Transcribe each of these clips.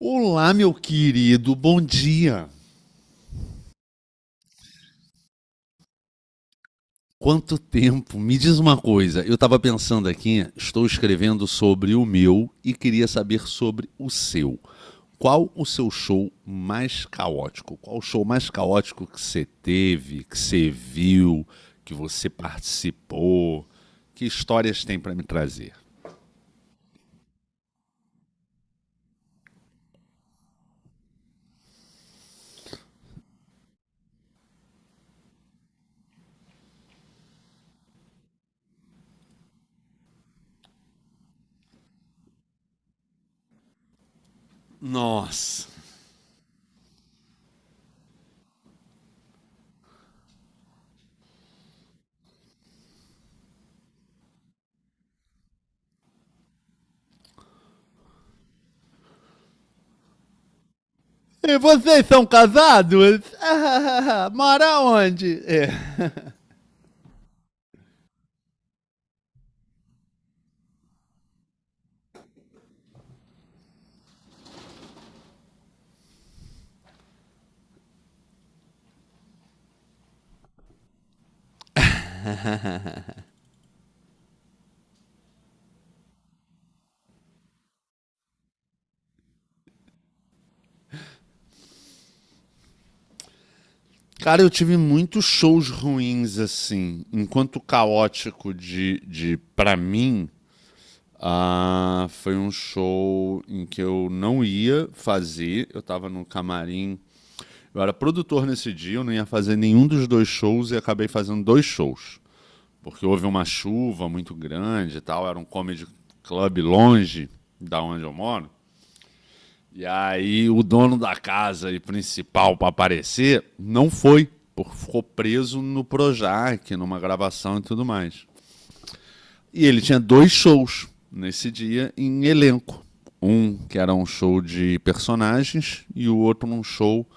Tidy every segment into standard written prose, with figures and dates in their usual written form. Olá, meu querido, bom dia. Quanto tempo? Me diz uma coisa. Eu estava pensando aqui, estou escrevendo sobre o meu e queria saber sobre o seu. Qual o seu show mais caótico? Qual o show mais caótico que você teve, que você viu, que você participou? Que histórias tem para me trazer? Nossa. E vocês são casados? Mora onde? É. Cara, eu tive muitos shows ruins, assim. Enquanto caótico de para mim, ah, foi um show em que eu não ia fazer. Eu tava no camarim. Eu era produtor nesse dia, eu não ia fazer nenhum dos dois shows e acabei fazendo dois shows. Porque houve uma chuva muito grande e tal, era um comedy club longe da onde eu moro. E aí o dono da casa e principal para aparecer não foi, porque ficou preso no Projac, numa gravação e tudo mais. E ele tinha dois shows nesse dia em elenco. Um que era um show de personagens e o outro um show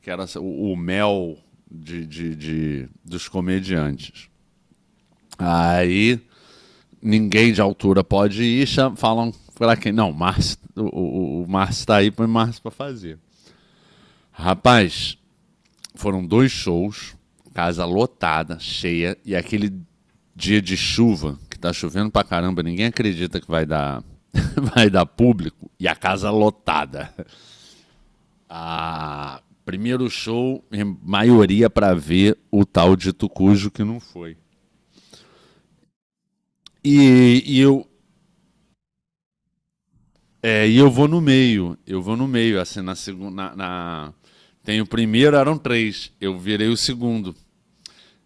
que era o mel dos comediantes. Aí ninguém de altura pode ir, falam para quem? Não, o Márcio, o Márcio tá aí, para o Márcio pra fazer. Rapaz, foram dois shows, casa lotada, cheia, e aquele dia de chuva, que tá chovendo pra caramba, ninguém acredita que vai dar, vai dar público, e a casa lotada. Ah, primeiro show, em maioria pra ver o tal de Tucujo que não foi. E, e eu, e eu vou no meio, assim, na segunda, na- na... Tem o primeiro, eram três. Eu virei o segundo.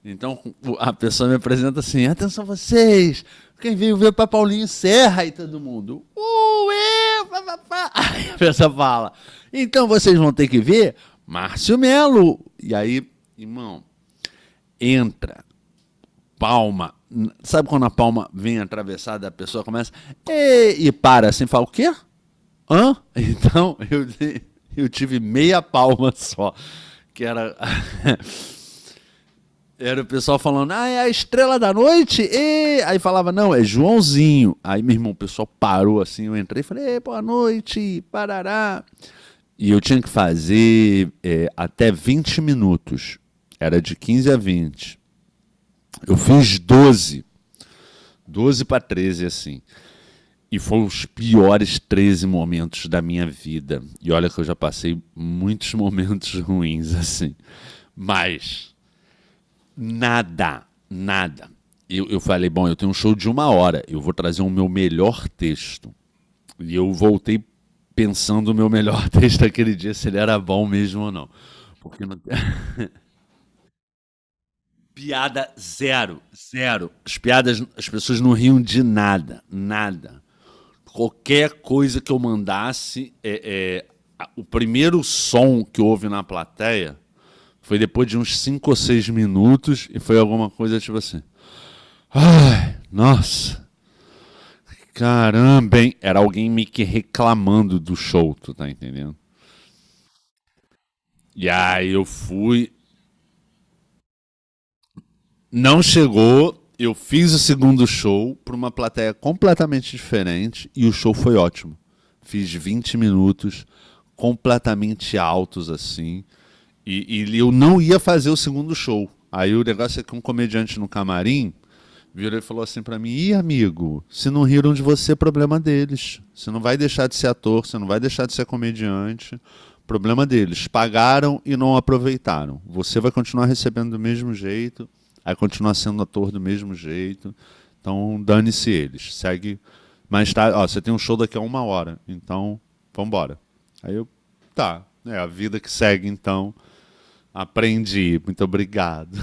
Então a pessoa me apresenta assim: atenção vocês, quem veio ver para Paulinho Serra e todo mundo. Ué, pá, pá, pá. Aí a pessoa fala: então vocês vão ter que ver Márcio Melo. E aí, irmão, entra, palma. Sabe quando a palma vem atravessada, a pessoa começa "Ê", e, para assim, fala: o quê? Hã? Então eu tive meia palma só, que era o pessoal falando, ah, é a estrela da noite? E... Aí falava, não, é Joãozinho. Aí, meu irmão, o pessoal parou assim, eu entrei e falei, boa noite, parará. E eu tinha que fazer até 20 minutos. Era de 15 a 20. Eu fiz 12, para 13 assim. E foram os piores 13 momentos da minha vida. E olha que eu já passei muitos momentos ruins, assim. Mas nada, nada. Eu falei, bom, eu tenho um show de 1 hora, eu vou trazer o meu melhor texto. E eu voltei pensando o meu melhor texto aquele dia, se ele era bom mesmo ou não. Porque não... Piada zero, zero. As piadas, as pessoas não riam de nada, nada. Qualquer coisa que eu mandasse, o primeiro som que houve na plateia foi depois de uns 5 ou 6 minutos e foi alguma coisa tipo assim. Ai, nossa. Caramba, hein? Era alguém meio que reclamando do show, tu tá entendendo? E aí eu fui. Não chegou, eu fiz o segundo show pra uma plateia completamente diferente e o show foi ótimo. Fiz 20 minutos completamente altos assim. Eu não ia fazer o segundo show. Aí o negócio é que um comediante no camarim virou e falou assim pra mim: Ih, amigo, se não riram de você, problema deles. Você não vai deixar de ser ator, você não vai deixar de ser comediante. Problema deles. Pagaram e não aproveitaram. Você vai continuar recebendo do mesmo jeito, vai continuar sendo ator do mesmo jeito. Então, dane-se eles. Segue. Mas tá, ó, você tem um show daqui a 1 hora, então vambora. Aí eu, tá, é a vida que segue então. Aprendi, muito obrigado.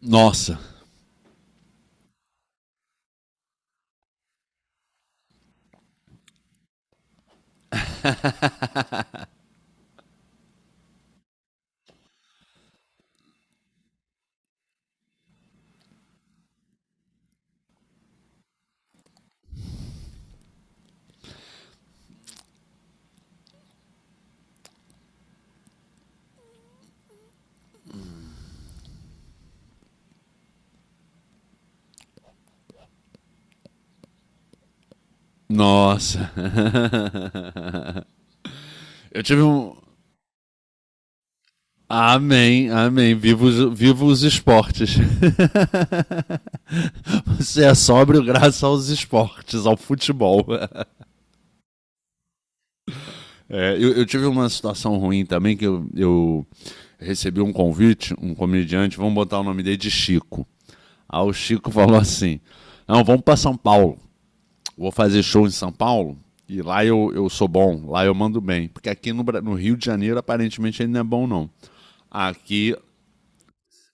Nossa. Nossa. Eu tive um. Amém, amém. Viva os esportes. Você é sóbrio graças aos esportes, ao futebol. É, eu tive uma situação ruim também, que eu recebi um convite, um comediante, vamos botar o nome dele de Chico. Aí o Chico falou assim: não, vamos para São Paulo. Vou fazer show em São Paulo e lá eu sou bom, lá eu mando bem. Porque aqui no Rio de Janeiro, aparentemente, ele não é bom, não. Aqui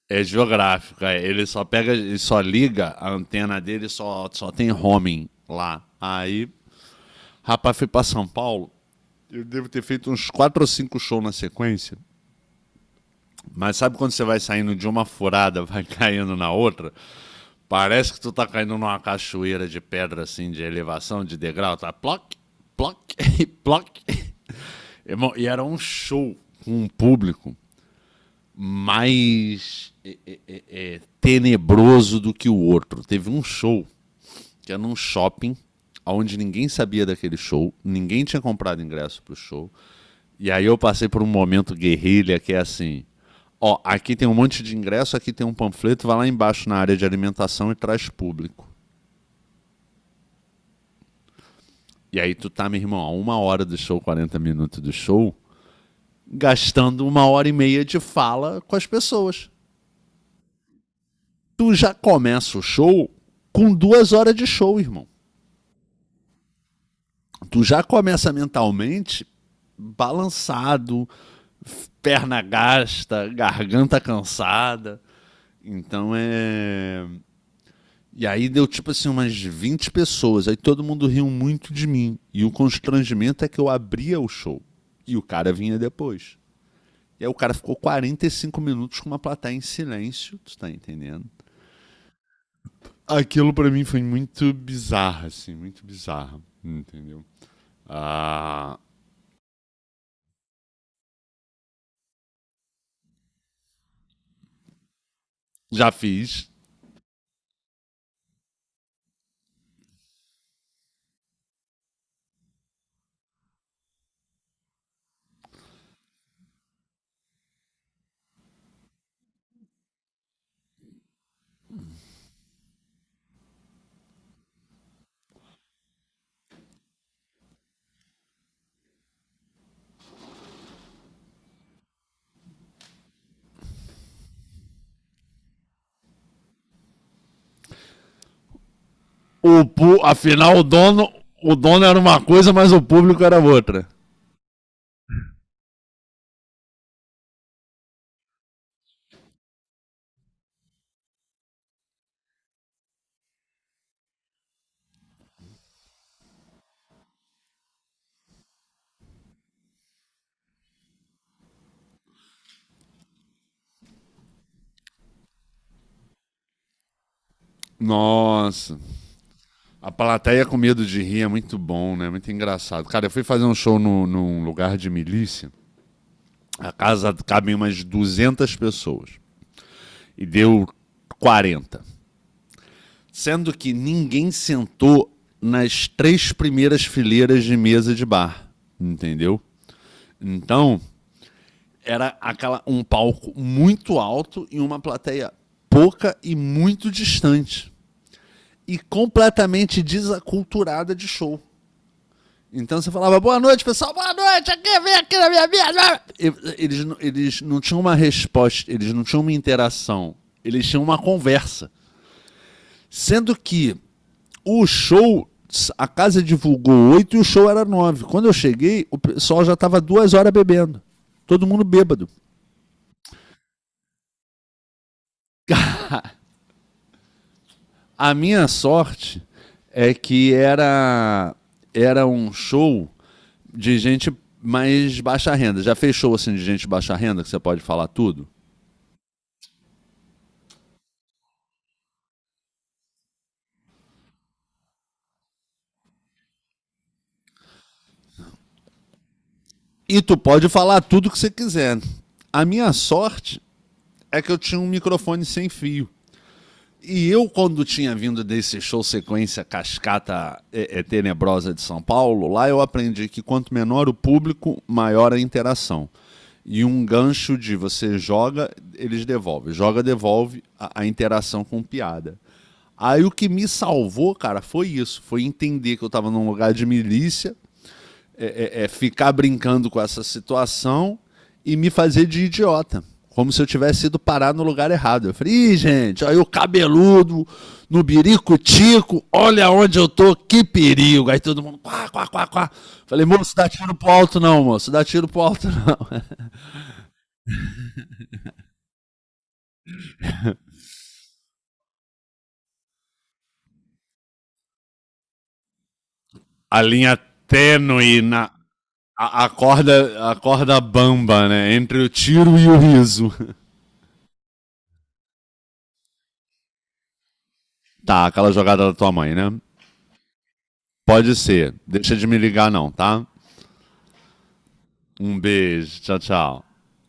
é geográfica. Ele só pega, ele só liga a antena dele, só tem roaming lá. Aí, rapaz, fui pra São Paulo. Eu devo ter feito uns quatro ou cinco shows na sequência. Mas sabe quando você vai saindo de uma furada, vai caindo na outra? Parece que tu tá caindo numa cachoeira de pedra, assim, de elevação, de degrau. Tá ploc, ploc, ploc. Irmão, e era um show com um público mais tenebroso do que o outro. Teve um show que era num shopping, onde ninguém sabia daquele show, ninguém tinha comprado ingresso pro show. E aí eu passei por um momento guerrilha que é assim: ó, aqui tem um monte de ingresso, aqui tem um panfleto, vai lá embaixo na área de alimentação e traz público. E aí tu tá, meu irmão, a 1 hora do show, 40 minutos do show, gastando 1 hora e meia de fala com as pessoas. Tu já começa o show com 2 horas de show, irmão. Tu já começa mentalmente balançado, perna gasta, garganta cansada. Então é. E aí deu tipo assim umas 20 pessoas, aí todo mundo riu muito de mim. E o constrangimento é que eu abria o show e o cara vinha depois. E aí o cara ficou 45 minutos com uma plateia em silêncio, tu tá entendendo? Aquilo para mim foi muito bizarro, assim, muito bizarro, entendeu? Ah, já fiz. O pu- afinal, o dono era uma coisa, mas o público era outra. Nossa, a plateia com medo de rir é muito bom, né? Muito engraçado. Cara, eu fui fazer um show no, num lugar de milícia. A casa cabe umas 200 pessoas. E deu 40. Sendo que ninguém sentou nas três primeiras fileiras de mesa de bar, entendeu? Então, era aquela um palco muito alto e uma plateia pouca e muito distante e completamente desaculturada de show. Então você falava, boa noite, pessoal, boa noite, aqui, vem aqui na minha mesa. Eles não tinham uma resposta, eles não tinham uma interação, eles tinham uma conversa. Sendo que o show, a casa divulgou 8 e o show era 9. Quando eu cheguei, o pessoal já estava 2 horas bebendo. Todo mundo bêbado. A minha sorte é que era um show de gente mais baixa renda. Já fez show assim de gente baixa renda que você pode falar tudo? E tu pode falar tudo que você quiser. A minha sorte é que eu tinha um microfone sem fio. E eu, quando tinha vindo desse show sequência cascata tenebrosa de São Paulo, lá eu aprendi que quanto menor o público, maior a interação. E um gancho de você joga, eles devolvem. Joga, devolve a interação com piada. Aí o que me salvou, cara, foi isso. Foi entender que eu estava num lugar de milícia, ficar brincando com essa situação e me fazer de idiota. Como se eu tivesse ido parar no lugar errado. Eu falei, Ih, gente, aí o cabeludo, no biricutico olha onde eu tô, que perigo. Aí todo mundo, quá, quá, quá, quá. Falei, moço, dá tiro pro alto não, moço, dá tiro pro alto não. A linha tênue, na, a corda bamba, né, entre o tiro e o riso. Tá, aquela jogada da tua mãe, né? Pode ser, deixa de me ligar não, tá? Um beijo. Tchau, tchau.